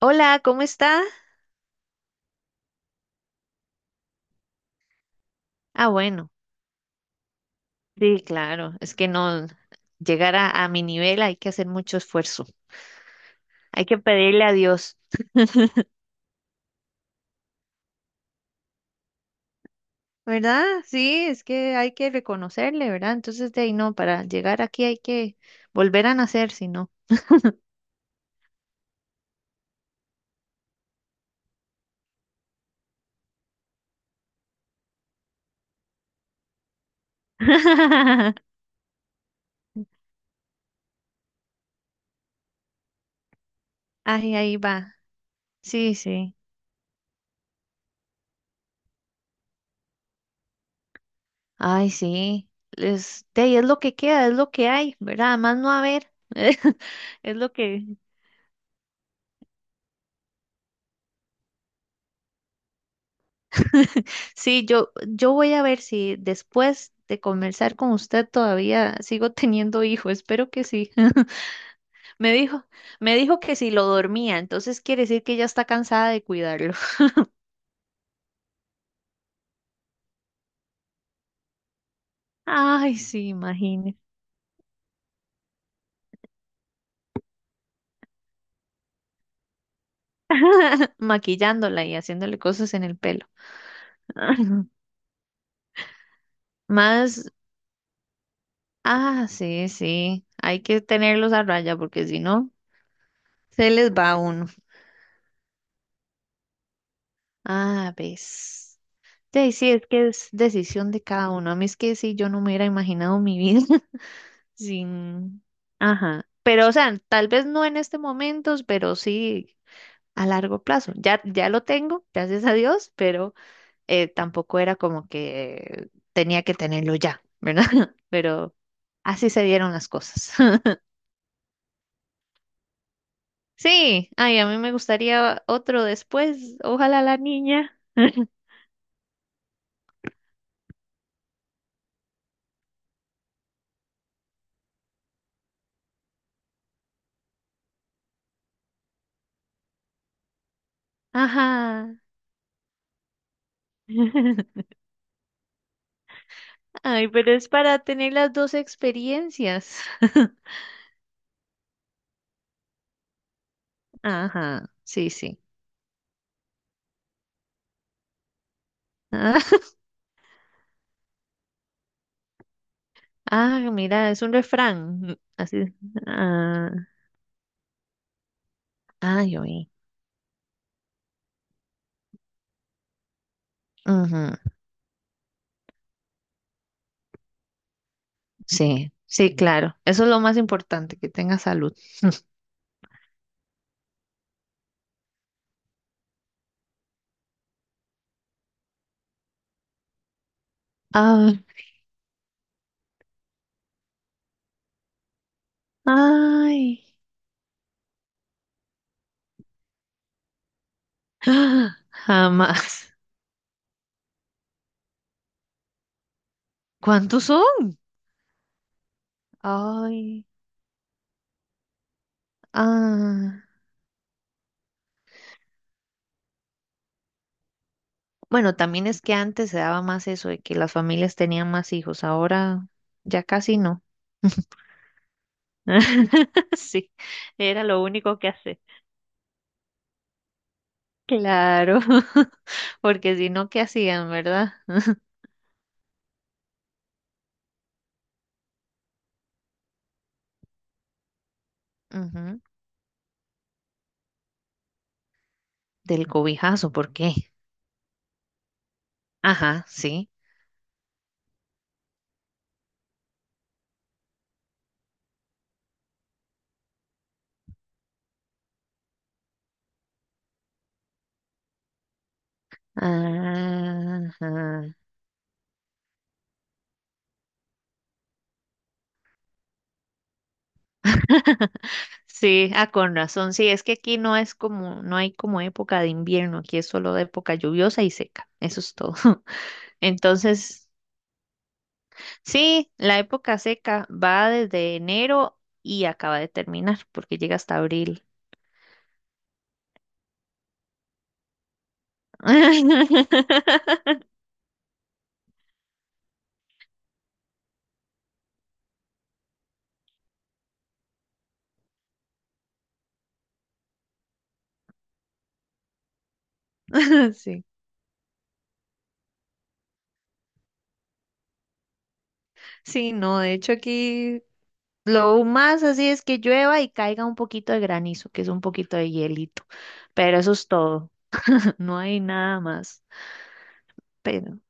Hola, ¿cómo está? Ah, bueno, sí, claro, es que no llegar a mi nivel hay que hacer mucho esfuerzo, hay que pedirle a Dios, ¿verdad? Sí, es que hay que reconocerle, ¿verdad? Entonces de ahí no, para llegar aquí hay que volver a nacer, si no. Ay, ahí va, sí, sí, ay, sí, es, de ahí es lo que queda, es lo que hay, ¿verdad? Más no haber, es lo que, sí, yo voy a ver si después de conversar con usted todavía sigo teniendo hijo. Espero que sí. Me dijo, me dijo que si lo dormía, entonces quiere decir que ya está cansada de cuidarlo. Ay, sí, imagínese. Maquillándola y haciéndole cosas en el pelo. Más, ah, sí, sí. Hay que tenerlos a raya porque si no, se les va uno. Ah, ves. Sí, sí, es que es decisión de cada uno. A mí es que sí, yo no me hubiera imaginado mi vida sin... Ajá. Pero, o sea, tal vez no en este momento, pero sí a largo plazo. Ya, ya lo tengo, gracias a Dios, pero tampoco era como que tenía que tenerlo ya, ¿verdad? Pero así se dieron las cosas. Sí, ay, a mí me gustaría otro después. Ojalá la niña. Ajá. Ay, pero es para tener las dos experiencias. Ajá, sí, sí. Ah, ah, mira, es un refrán. Así. Ah, ah, yo vi. Ujú. Sí, sí, claro. Eso es lo más importante, que tenga salud. Ah, ay, ah, jamás. ¿Cuántos son? Ay, ah. Bueno, también es que antes se daba más eso de que las familias tenían más hijos. Ahora ya casi no. Sí, era lo único que hacía. Claro, porque si no, ¿qué hacían, verdad? Ujú. Del cobijazo, ¿por qué? Ajá, sí. Ajá. Sí, ah, con razón. Sí, es que aquí no es como, no hay como época de invierno, aquí es solo de época lluviosa y seca, eso es todo. Entonces, sí, la época seca va desde enero y acaba de terminar, porque llega hasta abril. Sí. Sí, no, de hecho aquí lo más así es que llueva y caiga un poquito de granizo, que es un poquito de hielito, pero eso es todo, no hay nada más. Pero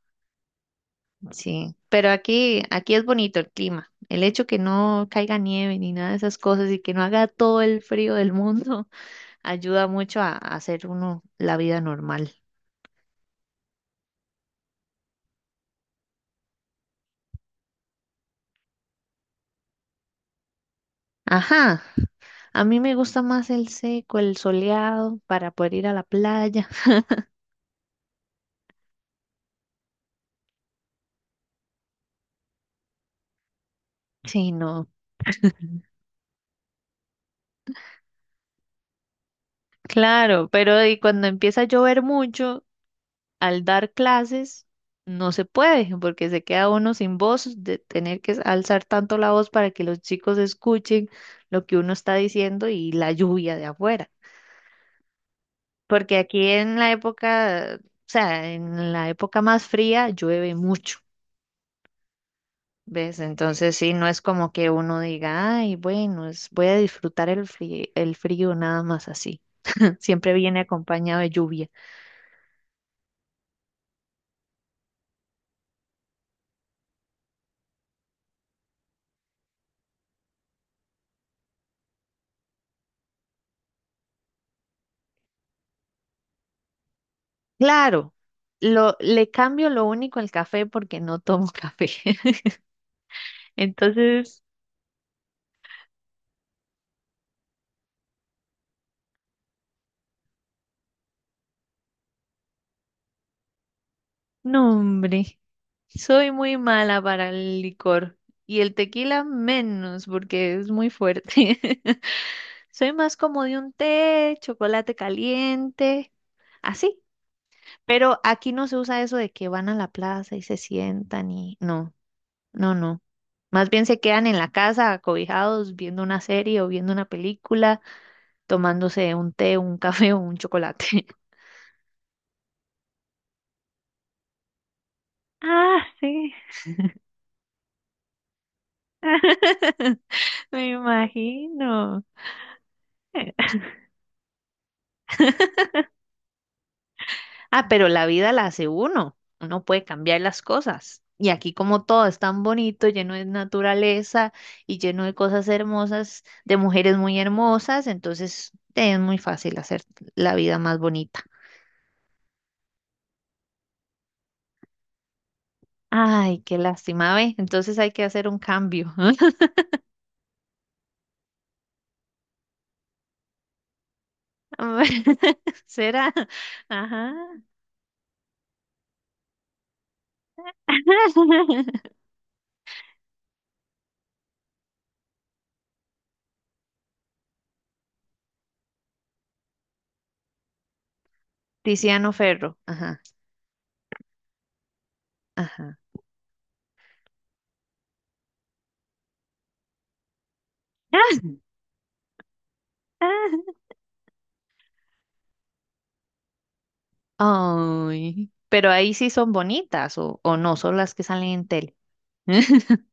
sí, pero aquí aquí es bonito el clima. El hecho que no caiga nieve ni nada de esas cosas y que no haga todo el frío del mundo ayuda mucho a hacer uno la vida normal. Ajá, a mí me gusta más el seco, el soleado para poder ir a la playa. Sí, no. Claro, pero y cuando empieza a llover mucho, al dar clases, no se puede, porque se queda uno sin voz, de tener que alzar tanto la voz para que los chicos escuchen lo que uno está diciendo y la lluvia de afuera. Porque aquí en la época, o sea, en la época más fría llueve mucho, ¿ves? Entonces sí, no es como que uno diga, ay, bueno, es, voy a disfrutar el frío nada más así. Siempre viene acompañado de lluvia. Claro, lo, le cambio lo único al café porque no tomo café. Entonces, no, hombre, soy muy mala para el licor y el tequila menos porque es muy fuerte. Soy más como de un té, chocolate caliente, así. Pero aquí no se usa eso de que van a la plaza y se sientan y no, no, no. Más bien se quedan en la casa acobijados viendo una serie o viendo una película tomándose un té, un café o un chocolate. Ah, sí, me imagino. Ah, pero la vida la hace uno. Uno puede cambiar las cosas. Y aquí como todo es tan bonito, lleno de naturaleza y lleno de cosas hermosas, de mujeres muy hermosas, entonces es muy fácil hacer la vida más bonita. Ay, qué lástima, ve. Entonces hay que hacer un cambio. Será. Ajá. Tiziano Ferro. Ajá, ajá. Ay, pero ahí sí son bonitas o no, son las que salen en tele.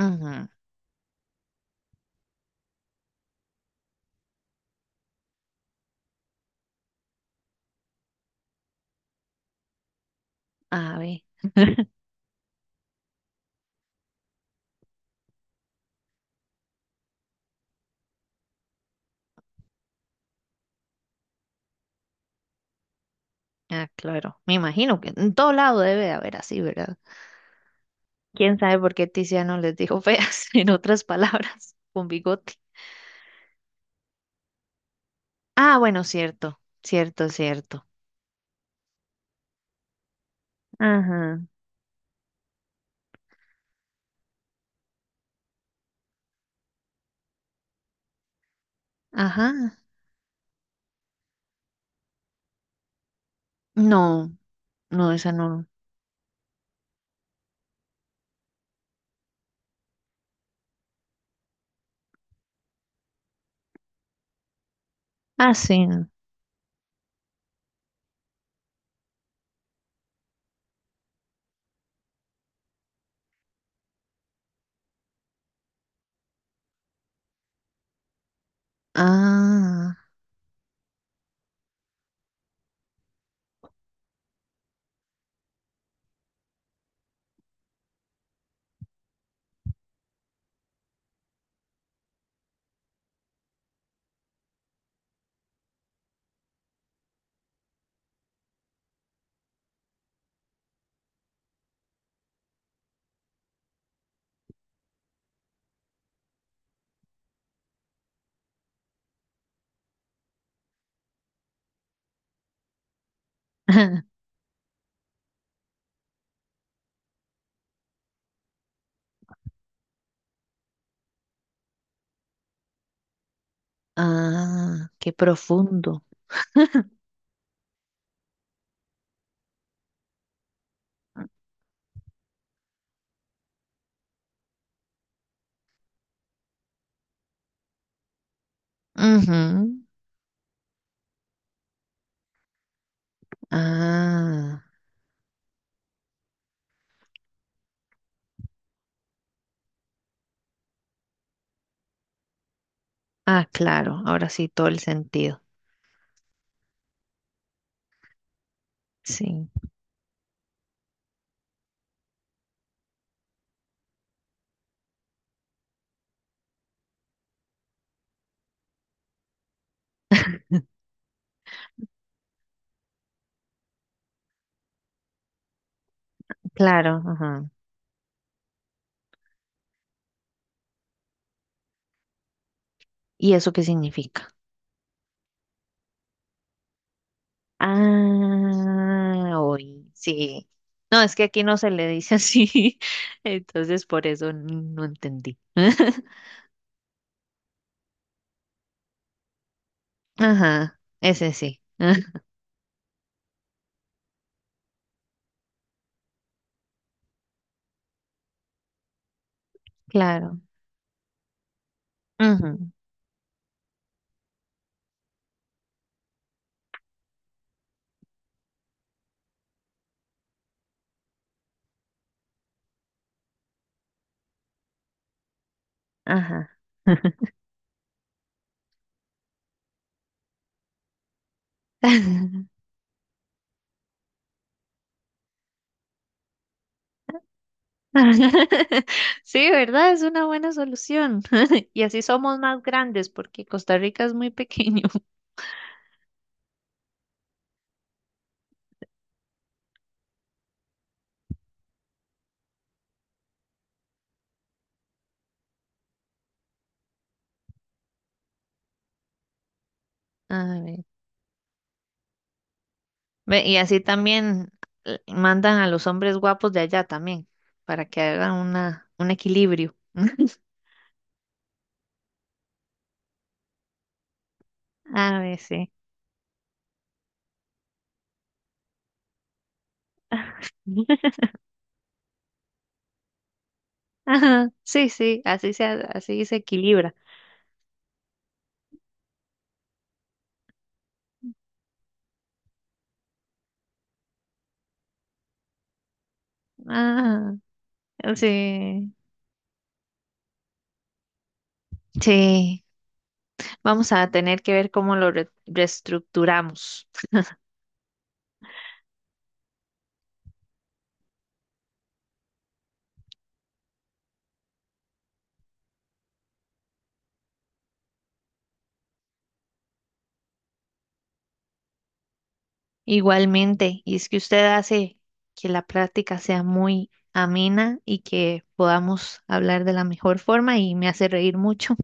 Ujú. A ver, ah, claro, me imagino que en todo lado debe de haber así, ¿verdad? ¿Quién sabe por qué Tiziano les dijo feas, en otras palabras, con bigote? Ah, bueno, cierto, cierto, cierto. Ajá, ajá. No, no, esa no. Ah, sí. No. Ah, ah, qué profundo. Ujú. Ah, ah, claro, ahora sí, todo el sentido. Sí, claro, ajá. ¿Y eso qué significa? Ah, hoy, sí. No, es que aquí no se le dice así, entonces por eso no entendí. Ajá, ese sí, claro. Ujú. Ajá. Sí, ¿verdad? Es una buena solución. Y así somos más grandes porque Costa Rica es muy pequeño. A ver. Ve, y así también mandan a los hombres guapos de allá también, para que hagan una, un equilibrio. A ver, sí. Ajá, sí, sí, así se, así se equilibra. Ah, sí, sí. Vamos a tener que ver cómo lo reestructuramos. Igualmente, y es que usted hace que la práctica sea muy amena y que podamos hablar de la mejor forma y me hace reír mucho.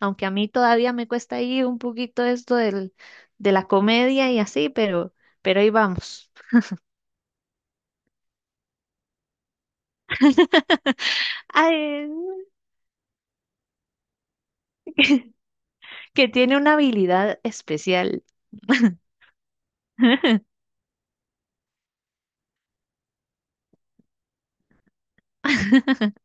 Aunque a mí todavía me cuesta ahí un poquito esto de la comedia y así, pero ahí vamos. Ay, que tiene una habilidad especial.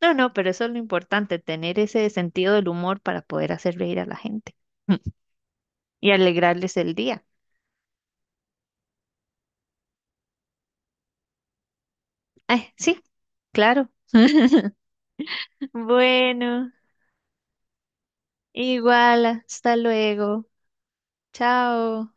No, no, pero eso es lo importante, tener ese sentido del humor para poder hacer reír a la gente y alegrarles el día. Ay, sí, claro. Bueno, igual, hasta luego. Chao.